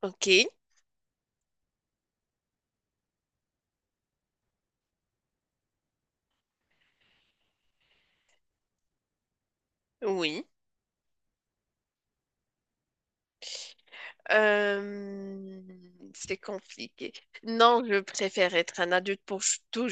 Ok, oui. Euh, c'est compliqué. Non, je préfère être un adulte pour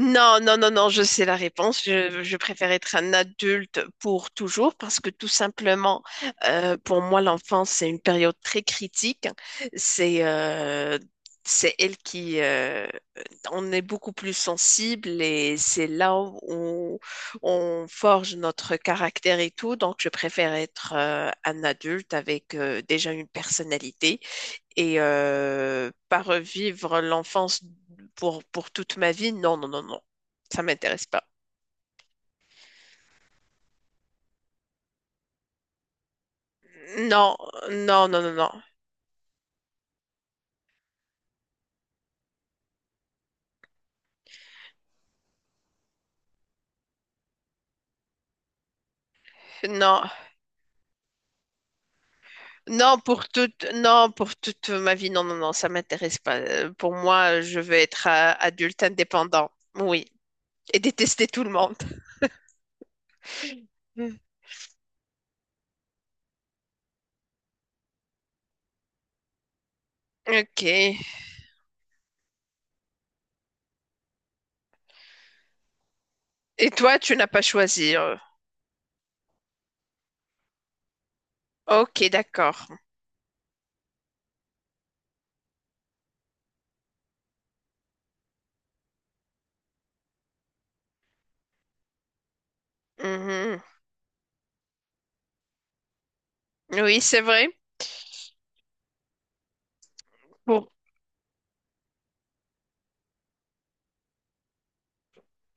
non, non, non, non, je sais la réponse. Je préfère être un adulte pour toujours parce que tout simplement, pour moi, l'enfance, c'est une période très critique. C'est euh, c'est elle qui on est beaucoup plus sensible et c'est là où on forge notre caractère et tout. Donc, je préfère être un adulte avec déjà une personnalité. Et pas revivre l'enfance pour toute ma vie, non, non, non, non. Ça m'intéresse pas. Non, non, non, non, non. Non, non, pour toute, non, pour toute ma vie, non, non, non, ça m'intéresse pas. Pour moi, je veux être adulte indépendant. Oui. Et détester tout le monde. Mm. Ok. Et toi, tu n'as pas choisi. Ok, d'accord. Mhm. Oui, c'est vrai. Pour...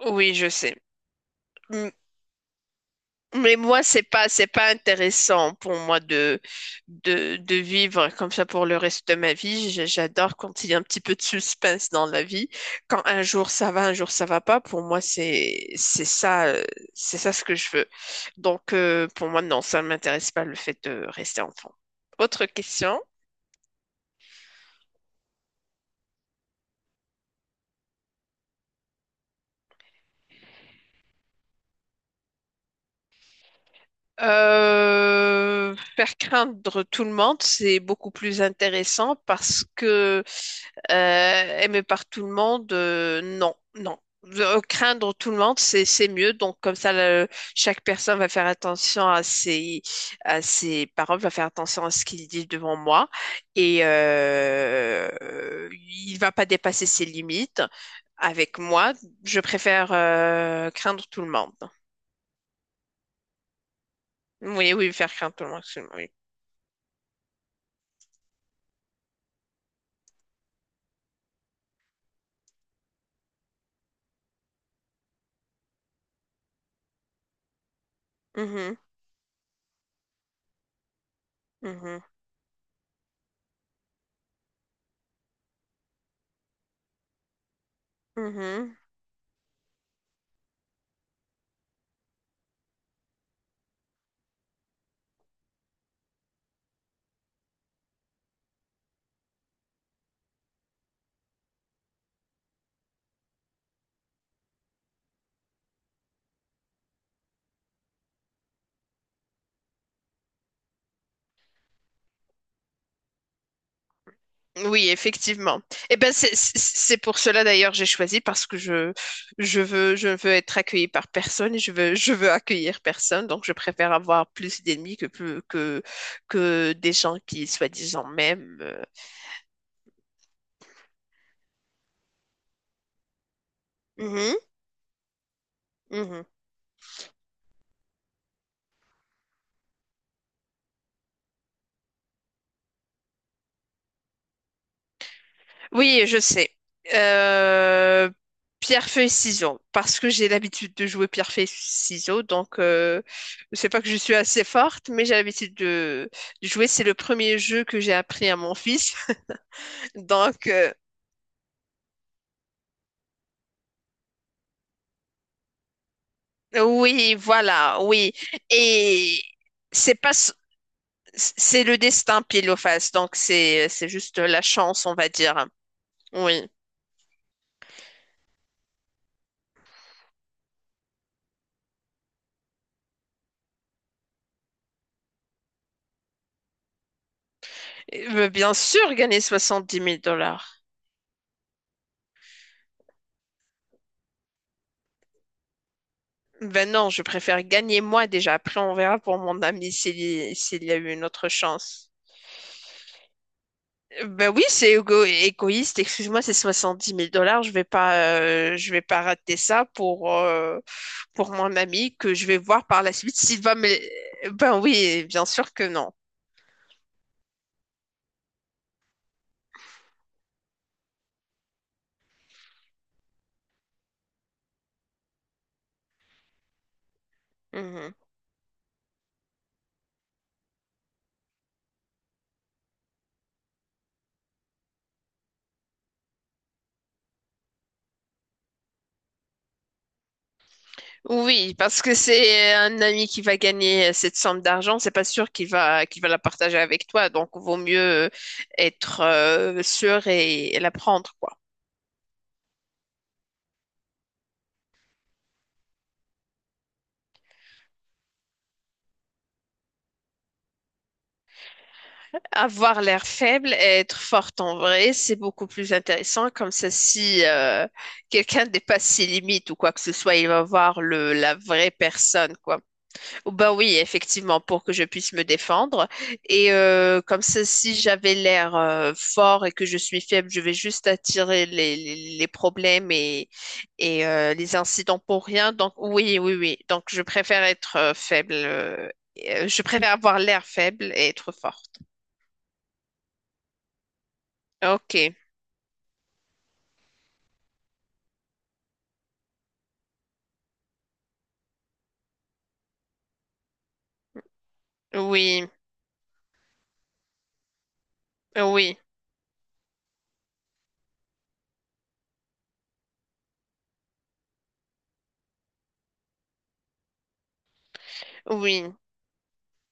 Oui, je sais. Mais moi, c'est pas intéressant pour moi de vivre comme ça pour le reste de ma vie. J'adore quand il y a un petit peu de suspense dans la vie. Quand un jour ça va, un jour ça va pas, pour moi, c'est ça, c'est ça ce que je veux. Donc, pour moi, non, ça ne m'intéresse pas le fait de rester enfant. Autre question. Faire craindre tout le monde, c'est beaucoup plus intéressant parce que aimer par tout le monde, non, non. Craindre tout le monde, c'est mieux. Donc comme ça, chaque personne va faire attention à ses paroles, va faire attention à ce qu'il dit devant moi et il va pas dépasser ses limites avec moi. Je préfère craindre tout le monde. Oui, oui, faire craindre tout le monde. Absolument. Mhm, mhm, mhm. Oui, effectivement. Et ben c'est pour cela d'ailleurs j'ai choisi parce que je je veux être accueillie par personne et je veux accueillir personne donc je préfère avoir plus d'ennemis que plus que des gens qui soi-disant m'aiment. Mhm, mhm. Oui, je sais. Euh, Pierre, feuille, ciseaux. Parce que j'ai l'habitude de jouer pierre, feuille, ciseaux. Donc, c'est pas que je suis assez forte, mais j'ai l'habitude de jouer. C'est le premier jeu que j'ai appris à mon fils. Donc, oui, voilà, oui. Et c'est pas, s- c'est le destin pile ou face. Donc, c'est juste la chance, on va dire. Oui. Bien sûr, gagner soixante-dix mille dollars. Ben non, je préfère gagner moi déjà. Après, on verra pour mon ami s'il y a eu une autre chance. Ben oui, c'est égo- égoïste. Excuse-moi, c'est soixante-dix mille dollars. Je vais pas rater ça pour mon ami que je vais voir par la suite s'il va me. Ben oui, bien sûr que non. Mhm. Oui, parce que c'est un ami qui va gagner cette somme d'argent, c'est pas sûr qu'il va la partager avec toi, donc vaut mieux être sûr et la prendre, quoi. Avoir l'air faible et être forte en vrai, c'est beaucoup plus intéressant. Comme ça, si quelqu'un dépasse ses limites ou quoi que ce soit, il va voir la vraie personne, quoi. Ou ben oui, effectivement, pour que je puisse me défendre. Et comme ça, si j'avais l'air fort et que je suis faible, je vais juste attirer les problèmes et les incidents pour rien. Donc oui, oui, oui. Donc je préfère être faible. Et, je préfère avoir l'air faible et être forte. Ok. Oui, oui, oui.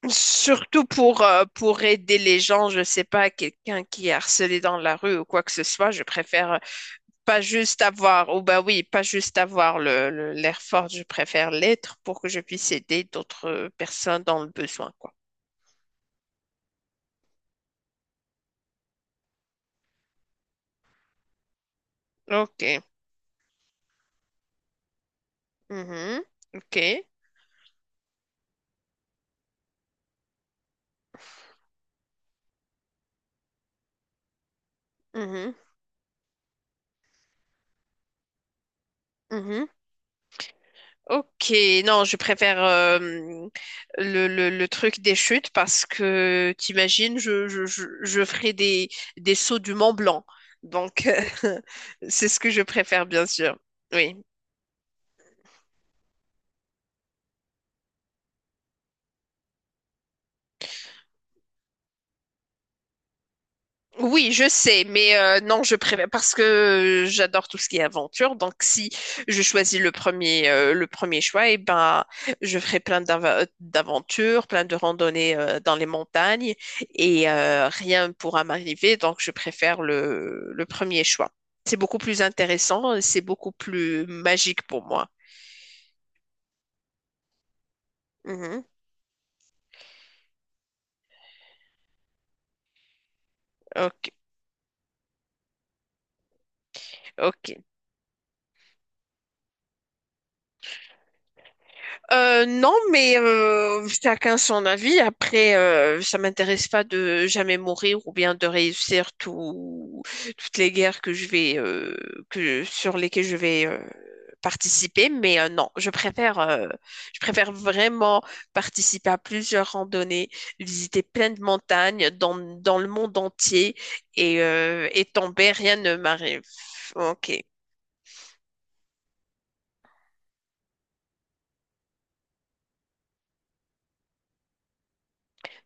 Surtout pour aider les gens, je sais pas, quelqu'un qui est harcelé dans la rue ou quoi que ce soit, je préfère pas juste avoir, oh bah oui, pas juste avoir l'air fort, je préfère l'être pour que je puisse aider d'autres personnes dans le besoin, quoi. Ok. Mhm. Ok. Mhm. Mhm. Ok, non, je préfère le truc des chutes parce que t'imagines, je ferai des sauts du Mont Blanc. Donc, c'est ce que je préfère, bien sûr. Oui. Oui, je sais, mais non, je préfère parce que j'adore tout ce qui est aventure. Donc, si je choisis le premier choix, eh ben, je ferai plein d'aventures, plein de randonnées dans les montagnes et rien ne pourra m'arriver. Donc, je préfère le premier choix. C'est beaucoup plus intéressant, c'est beaucoup plus magique pour moi. Mhm. Ok, ok. Non, mais chacun son avis. Après, ça m'intéresse pas de jamais mourir ou bien de réussir tout, toutes les guerres que je vais que sur lesquelles je vais participer. Mais non, je préfère vraiment participer à plusieurs randonnées, visiter plein de montagnes dans dans le monde entier et tomber, rien ne m'arrive. Ok.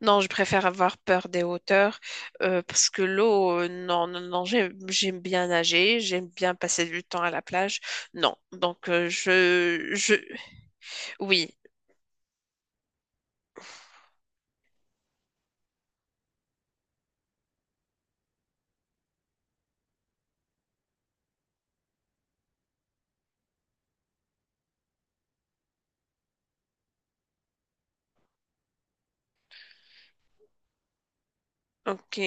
Non, je préfère avoir peur des hauteurs parce que l'eau, non, non, non, j'aime, j'aime bien nager, j'aime bien passer du temps à la plage. Non, donc je, oui, ok,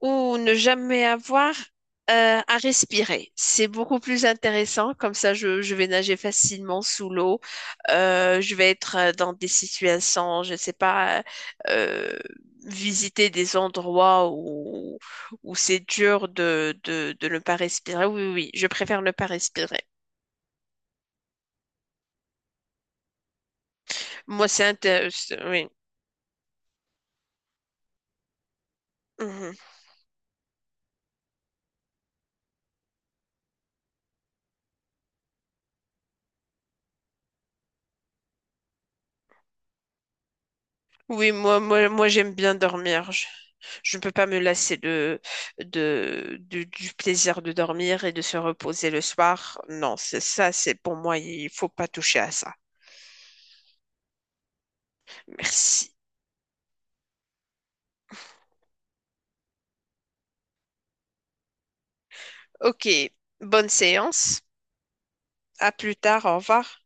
ou ne jamais avoir à respirer. C'est beaucoup plus intéressant. Comme ça, je vais nager facilement sous l'eau. Je vais être dans des situations, je ne sais pas, euh, visiter des endroits où c'est dur de ne pas respirer. Oui, oui, oui, je préfère ne pas respirer. Moi, c'est intéressant. Oui. Mhm. Oui, moi j'aime bien dormir. Je ne peux pas me lasser du plaisir de dormir et de se reposer le soir. Non, c'est ça, c'est pour moi, il faut pas toucher à ça. Merci. Ok, bonne séance. À plus tard, au revoir.